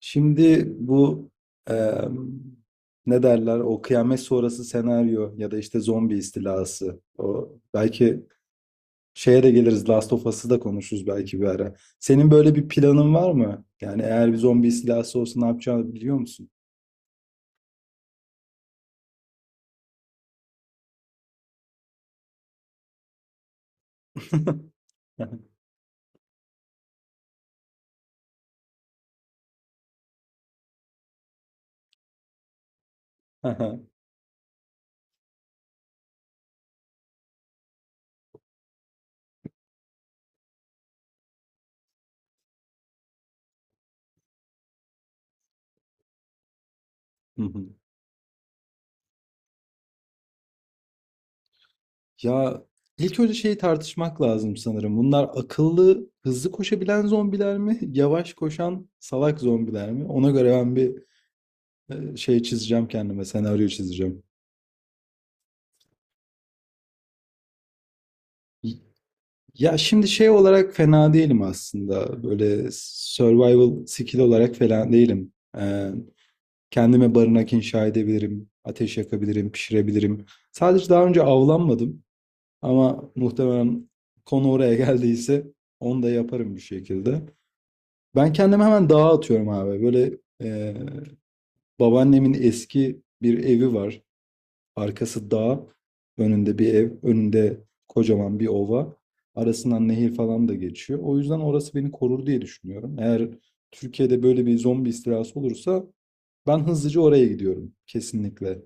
Şimdi bu eee, ne derler o kıyamet sonrası senaryo ya da işte zombi istilası o belki şeye de geliriz, Last of Us'ı da konuşuruz belki bir ara. Senin böyle bir planın var mı? Yani eğer bir zombi istilası olsa ne yapacağını biliyor musun? Aha. Hı hı. Ya ilk önce şeyi tartışmak lazım sanırım. Bunlar akıllı, hızlı koşabilen zombiler mi? Yavaş koşan salak zombiler mi? Ona göre ben bir şey çizeceğim kendime, senaryo çizeceğim. Ya şimdi şey olarak fena değilim aslında. Böyle survival skill olarak falan değilim. Ee, Kendime barınak inşa edebilirim, ateş yakabilirim, pişirebilirim. Sadece daha önce avlanmadım ama muhtemelen konu oraya geldiyse onu da yaparım bir şekilde. Ben kendimi hemen dağa atıyorum abi. Böyle babaannemin eski bir evi var. Arkası dağ, önünde bir ev, önünde kocaman bir ova. Arasından nehir falan da geçiyor. O yüzden orası beni korur diye düşünüyorum. Eğer Türkiye'de böyle bir zombi istilası olursa ben hızlıca oraya gidiyorum kesinlikle.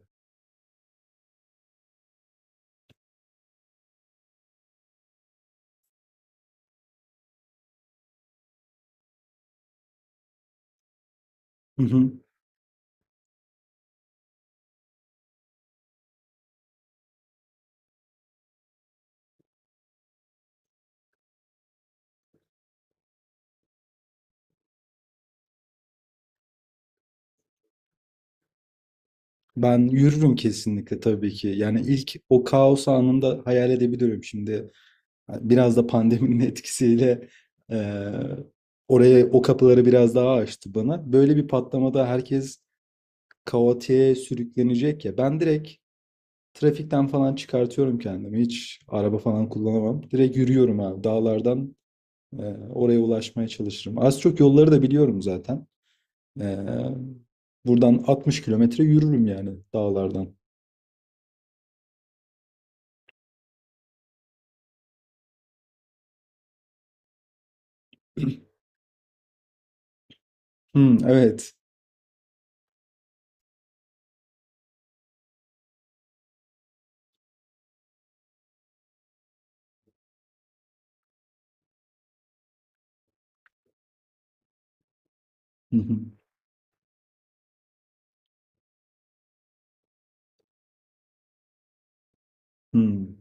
Hı hı. Ben yürürüm kesinlikle tabii ki. Yani ilk o kaos anında hayal edebiliyorum şimdi. Biraz da pandeminin etkisiyle eee, oraya o kapıları biraz daha açtı bana. Böyle bir patlamada herkes kaotiğe sürüklenecek ya. Ben direkt trafikten falan çıkartıyorum kendimi. Hiç araba falan kullanamam. Direkt yürüyorum abi. Dağlardan e, oraya ulaşmaya çalışırım. Az çok yolları da biliyorum zaten. E, Buradan 60 kilometre yürürüm yani dağlardan. Hmm, evet. Hı hı, hmm,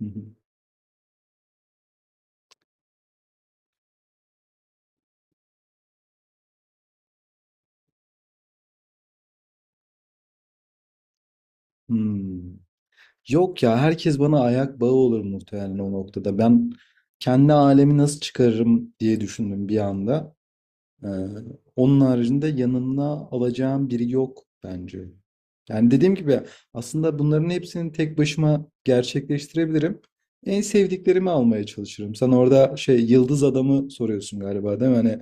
hı hı, hmm. Yok ya, herkes bana ayak bağı olur muhtemelen o noktada. Ben kendi alemi nasıl çıkarırım diye düşündüm bir anda. Ee, Onun haricinde yanına alacağım biri yok bence. Yani dediğim gibi aslında bunların hepsini tek başıma gerçekleştirebilirim. En sevdiklerimi almaya çalışırım. Sen orada şey, yıldız adamı soruyorsun galiba değil mi? Hani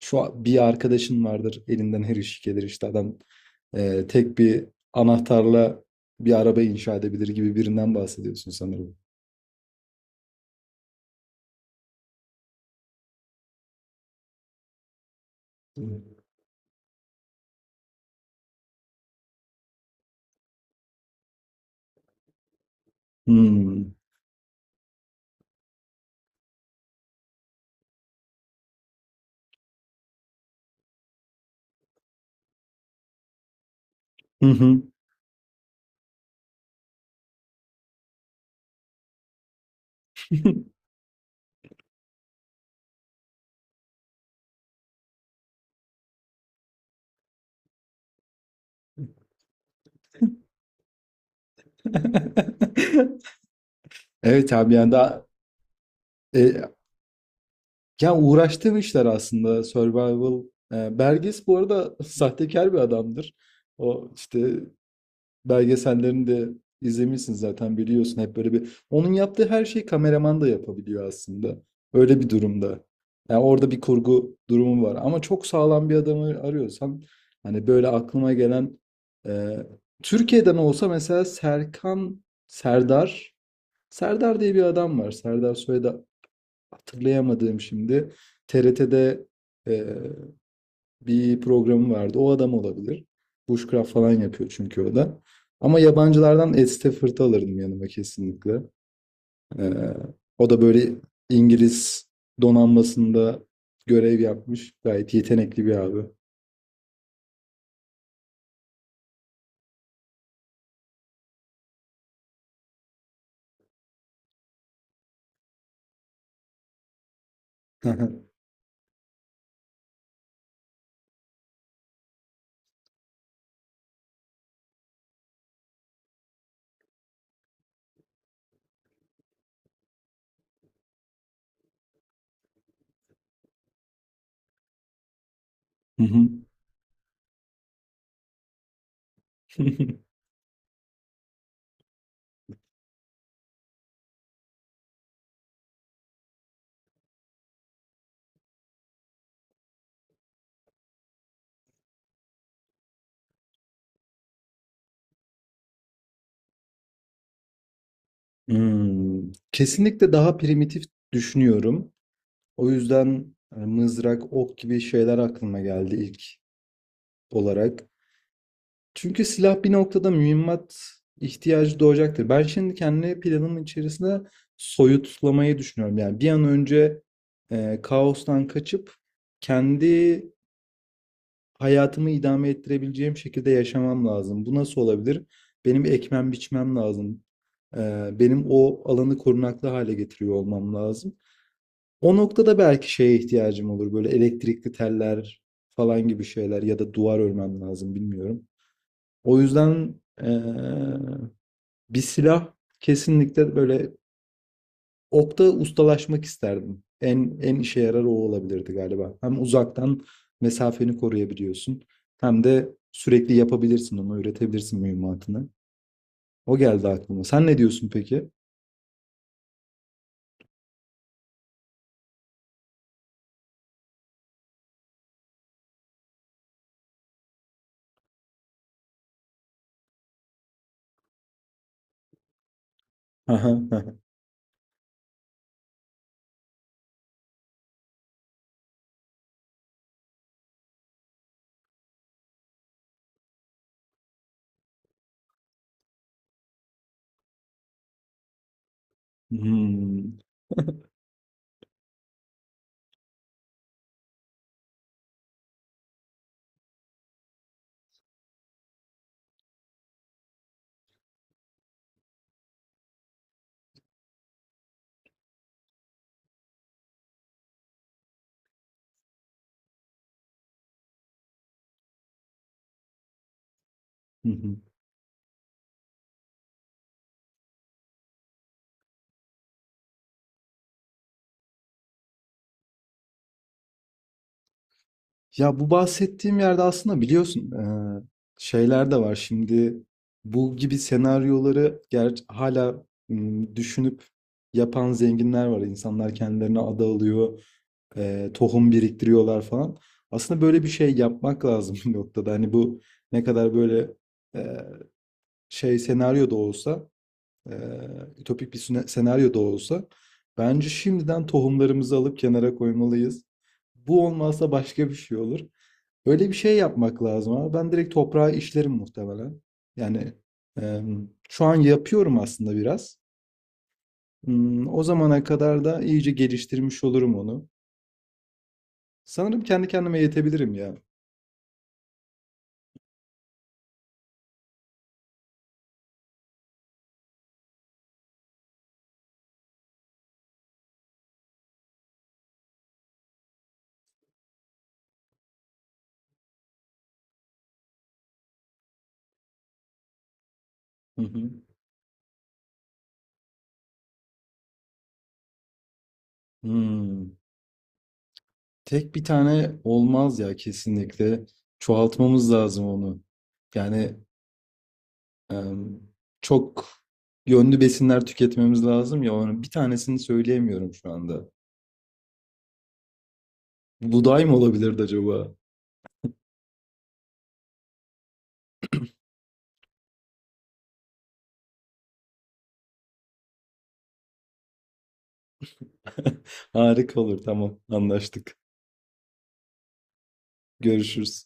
bir arkadaşın vardır, elinden her iş gelir, işte adam tek bir anahtarla bir araba inşa edebilir gibi birinden bahsediyorsun sanırım. Hmm. Hı hı. Evet abi, yani daha e, ya uğraştığım işler aslında survival. E, Bergis bu arada sahtekar bir adamdır. O işte belgesellerini de izlemişsin zaten, biliyorsun hep böyle bir. Onun yaptığı her şeyi kameraman da yapabiliyor aslında. Öyle bir durumda. Yani orada bir kurgu durumu var. Ama çok sağlam bir adamı arıyorsan hani böyle aklıma gelen, e, Türkiye'den olsa mesela Serkan Serdar diye bir adam var. Serdar Soyda, hatırlayamadığım şimdi, TRT'de e, bir programı vardı. O adam olabilir. Bushcraft falan yapıyor çünkü o da. Ama yabancılardan Ed Stafford'ı alırdım yanıma kesinlikle. E, O da böyle İngiliz donanmasında görev yapmış. Gayet yetenekli bir abi. Hı hı. Hmm. Kesinlikle daha primitif düşünüyorum. O yüzden mızrak, ok gibi şeyler aklıma geldi ilk olarak. Çünkü silah bir noktada mühimmat ihtiyacı doğacaktır. Ben şimdi kendi planımın içerisinde soyutlamayı düşünüyorum. Yani bir an önce kaostan kaçıp kendi hayatımı idame ettirebileceğim şekilde yaşamam lazım. Bu nasıl olabilir? Benim ekmem biçmem lazım. E, Benim o alanı korunaklı hale getiriyor olmam lazım. O noktada belki şeye ihtiyacım olur. Böyle elektrikli teller falan gibi şeyler ya da duvar örmem lazım, bilmiyorum. O yüzden eee, bir silah, kesinlikle böyle okta ustalaşmak isterdim. En işe yarar o olabilirdi galiba. Hem uzaktan mesafeni koruyabiliyorsun, hem de sürekli yapabilirsin onu, üretebilirsin mühimmatını. O geldi aklıma. Sen ne diyorsun peki? Hmm. Ya bu bahsettiğim yerde aslında biliyorsun, şeyler de var. Şimdi bu gibi senaryoları düşünüp yapan zenginler var. İnsanlar kendilerine ada alıyor, tohum biriktiriyorlar falan. Aslında böyle bir şey yapmak lazım bir noktada. Hani bu ne kadar böyle eee, şey senaryo da olsa, ütopik bir senaryo da olsa bence şimdiden tohumlarımızı alıp kenara koymalıyız. Bu olmazsa başka bir şey olur. Öyle bir şey yapmak lazım abi. Ben direkt toprağa işlerim muhtemelen. Yani şu an yapıyorum aslında biraz. Hmm, o zamana kadar da iyice geliştirmiş olurum onu. Sanırım kendi kendime yetebilirim ya. Hı hı. Hmm. Tek bir tane olmaz ya kesinlikle. Çoğaltmamız lazım onu. Yani em, çok yönlü besinler tüketmemiz lazım ya. Onun bir tanesini söyleyemiyorum şu anda. Buğday mı olabilirdi acaba? Harika olur. Tamam, anlaştık. Görüşürüz.